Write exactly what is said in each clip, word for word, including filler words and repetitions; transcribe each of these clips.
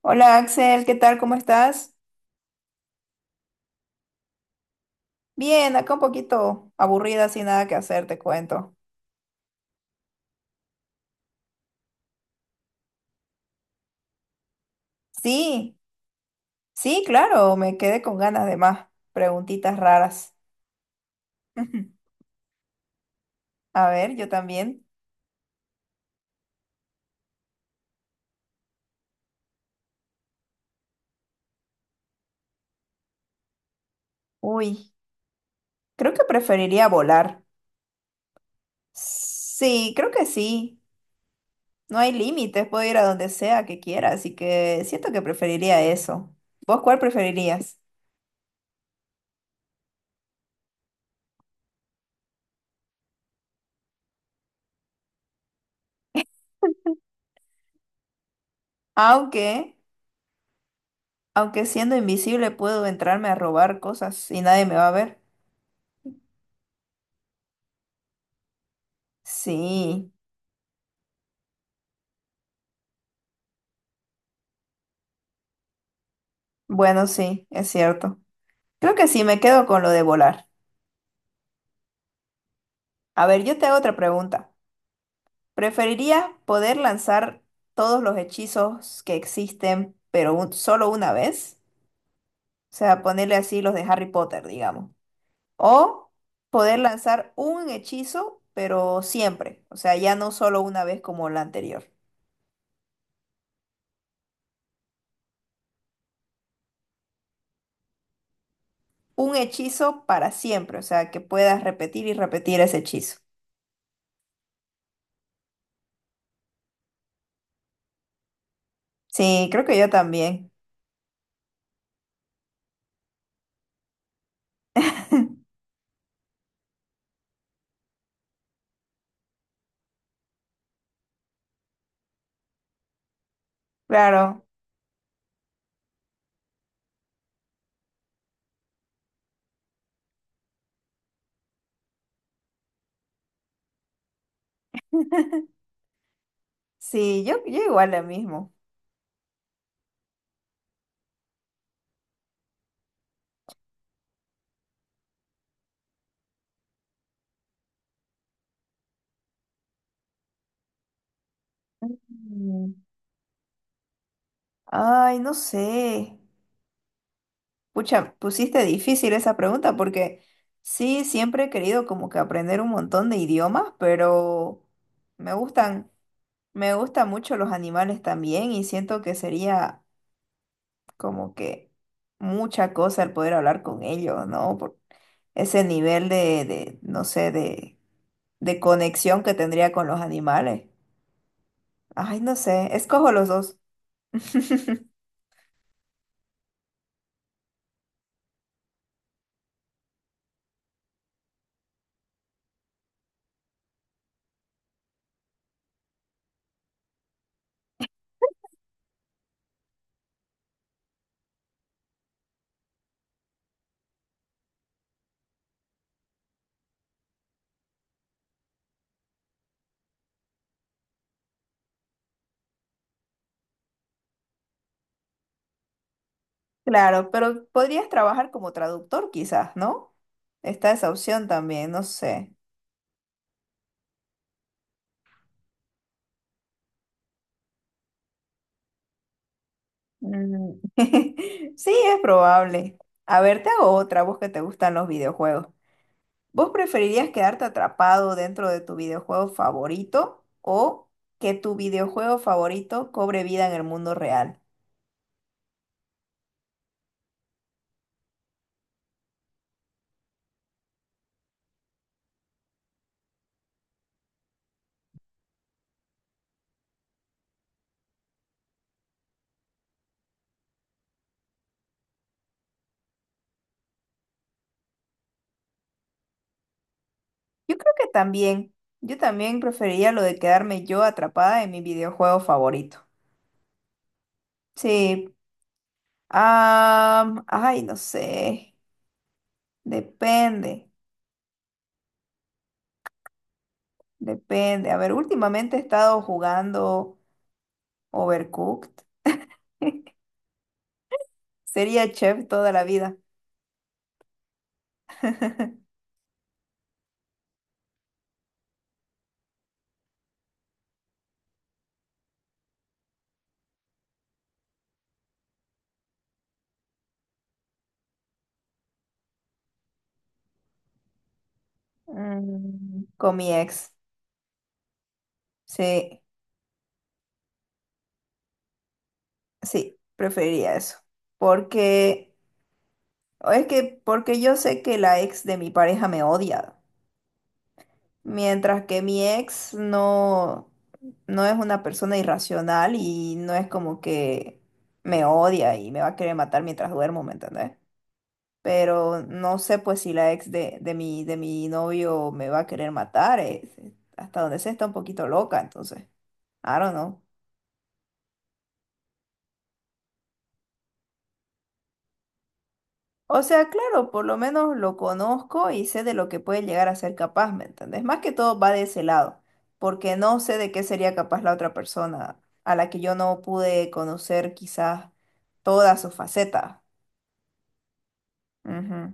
Hola Axel, ¿qué tal? ¿Cómo estás? Bien, acá un poquito aburrida, sin nada que hacer, te cuento. Sí, sí, claro, me quedé con ganas de más preguntitas raras. A ver, yo también. Uy, creo que preferiría volar. Sí, creo que sí. No hay límites, puedo ir a donde sea que quiera, así que siento que preferiría eso. ¿Vos cuál preferirías? Aunque, aunque siendo invisible puedo entrarme a robar cosas y nadie me va a ver. Sí. Bueno, sí, es cierto. Creo que sí, me quedo con lo de volar. A ver, yo te hago otra pregunta. ¿Preferirías poder lanzar todos los hechizos que existen, pero un- solo una vez? O sea, ponerle así los de Harry Potter, digamos. O poder lanzar un hechizo, pero siempre. O sea, ya no solo una vez como la anterior. Un hechizo para siempre. O sea, que puedas repetir y repetir ese hechizo. Sí, creo que yo también. Claro. Sí, yo, yo igual lo mismo. Mm, Ay, no sé. Pucha, pusiste difícil esa pregunta porque sí, siempre he querido como que aprender un montón de idiomas, pero me gustan, me gustan mucho los animales también y siento que sería como que mucha cosa el poder hablar con ellos, ¿no? Por ese nivel de, de, no sé, de, de conexión que tendría con los animales. Ay, no sé, escojo los dos. Claro, pero podrías trabajar como traductor quizás, ¿no? Está esa opción también, no sé. Mm. Sí, es probable. A ver, te hago otra, vos que te gustan los videojuegos. ¿Vos preferirías quedarte atrapado dentro de tu videojuego favorito o que tu videojuego favorito cobre vida en el mundo real? Yo creo que también, yo también preferiría lo de quedarme yo atrapada en mi videojuego favorito. Sí. Ah, ay, no sé. Depende, depende. A ver, últimamente he estado jugando Overcooked. Sería chef toda la vida. Mm, Con mi ex. Sí, sí, preferiría eso. Porque, o es que, porque yo sé que la ex de mi pareja me odia. Mientras que mi ex no, no es una persona irracional y no es como que me odia y me va a querer matar mientras duermo, ¿me entendés? Pero no sé pues si la ex de, de mi, de mi novio me va a querer matar, eh, eh, hasta donde sé está un poquito loca, entonces, I don't know. O sea, claro, por lo menos lo conozco y sé de lo que puede llegar a ser capaz, ¿me entendés? Más que todo va de ese lado, porque no sé de qué sería capaz la otra persona a la que yo no pude conocer quizás toda su faceta. Ujú.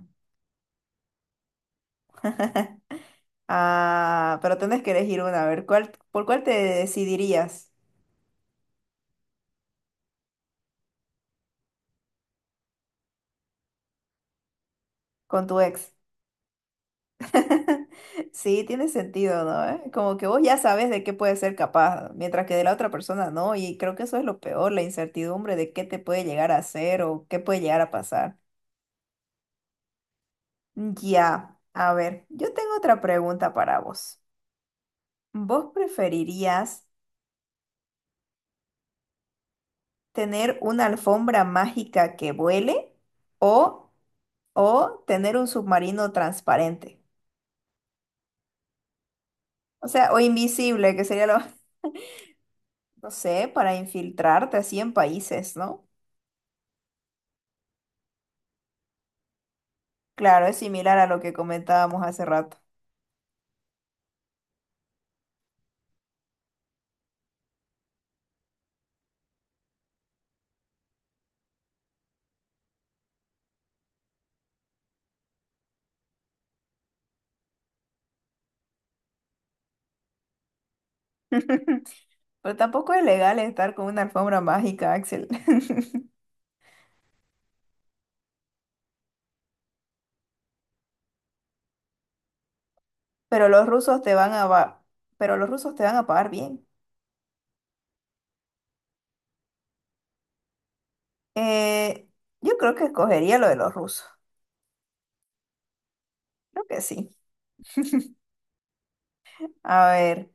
Ah, pero tenés que elegir una, a ver, ¿cuál, ¿por cuál te decidirías con tu ex? Sí, tiene sentido, ¿no? ¿Eh? Como que vos ya sabes de qué puedes ser capaz, mientras que de la otra persona no, y creo que eso es lo peor, la incertidumbre de qué te puede llegar a hacer o qué puede llegar a pasar. Ya, a ver, yo tengo otra pregunta para vos. ¿Vos preferirías tener una alfombra mágica que vuele o, o tener un submarino transparente? O sea, o invisible, que sería lo, no sé, para infiltrarte así en países, ¿no? Claro, es similar a lo que comentábamos hace rato. Pero tampoco es legal estar con una alfombra mágica, Axel. Pero los rusos te van a va- pero los rusos te van a pagar bien. Eh, yo creo que escogería lo de los rusos. Creo que sí. A ver,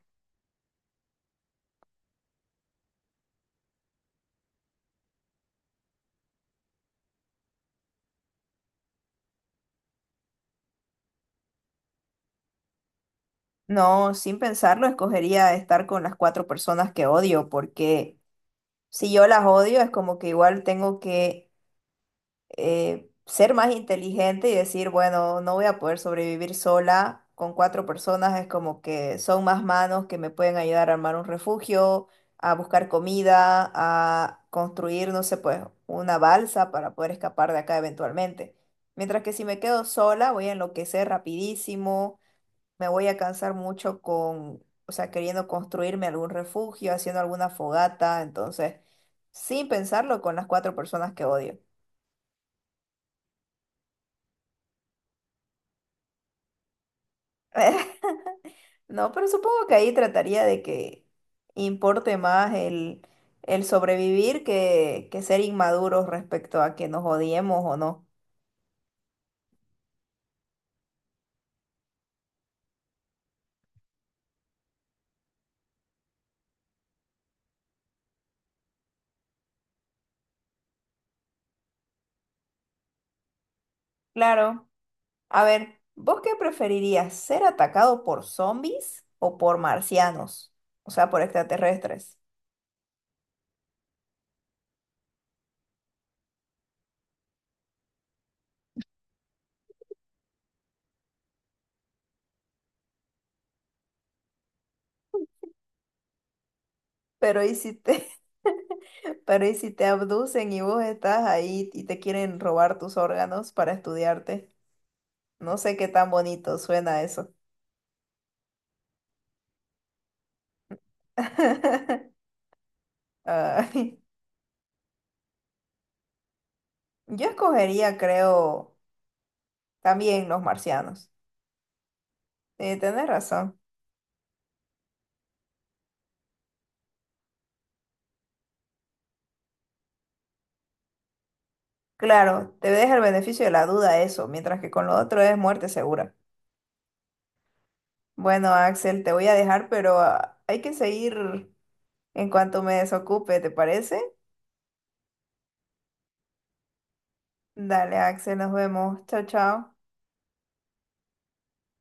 no, sin pensarlo, escogería estar con las cuatro personas que odio, porque si yo las odio es como que igual tengo que eh, ser más inteligente y decir, bueno, no voy a poder sobrevivir sola con cuatro personas, es como que son más manos que me pueden ayudar a armar un refugio, a buscar comida, a construir, no sé, pues una balsa para poder escapar de acá eventualmente. Mientras que si me quedo sola, voy a enloquecer rapidísimo, me voy a cansar mucho con, o sea, queriendo construirme algún refugio, haciendo alguna fogata, entonces, sin pensarlo con las cuatro personas que odio. No, pero supongo que ahí trataría de que importe más el, el sobrevivir que, que ser inmaduros respecto a que nos odiemos o no. Claro. A ver, ¿vos qué preferirías? ¿Ser atacado por zombies o por marcianos? O sea, por extraterrestres. Pero ¿y si te, pero ¿y si te abducen y vos estás ahí y te quieren robar tus órganos para estudiarte? No sé qué tan bonito suena eso. Ay. Yo escogería, creo, también los marcianos. Eh, tenés razón. Claro, te deja el beneficio de la duda eso, mientras que con lo otro es muerte segura. Bueno, Axel, te voy a dejar, pero ah, hay que seguir en cuanto me desocupe, ¿te parece? Dale, Axel, nos vemos. Chao, chao.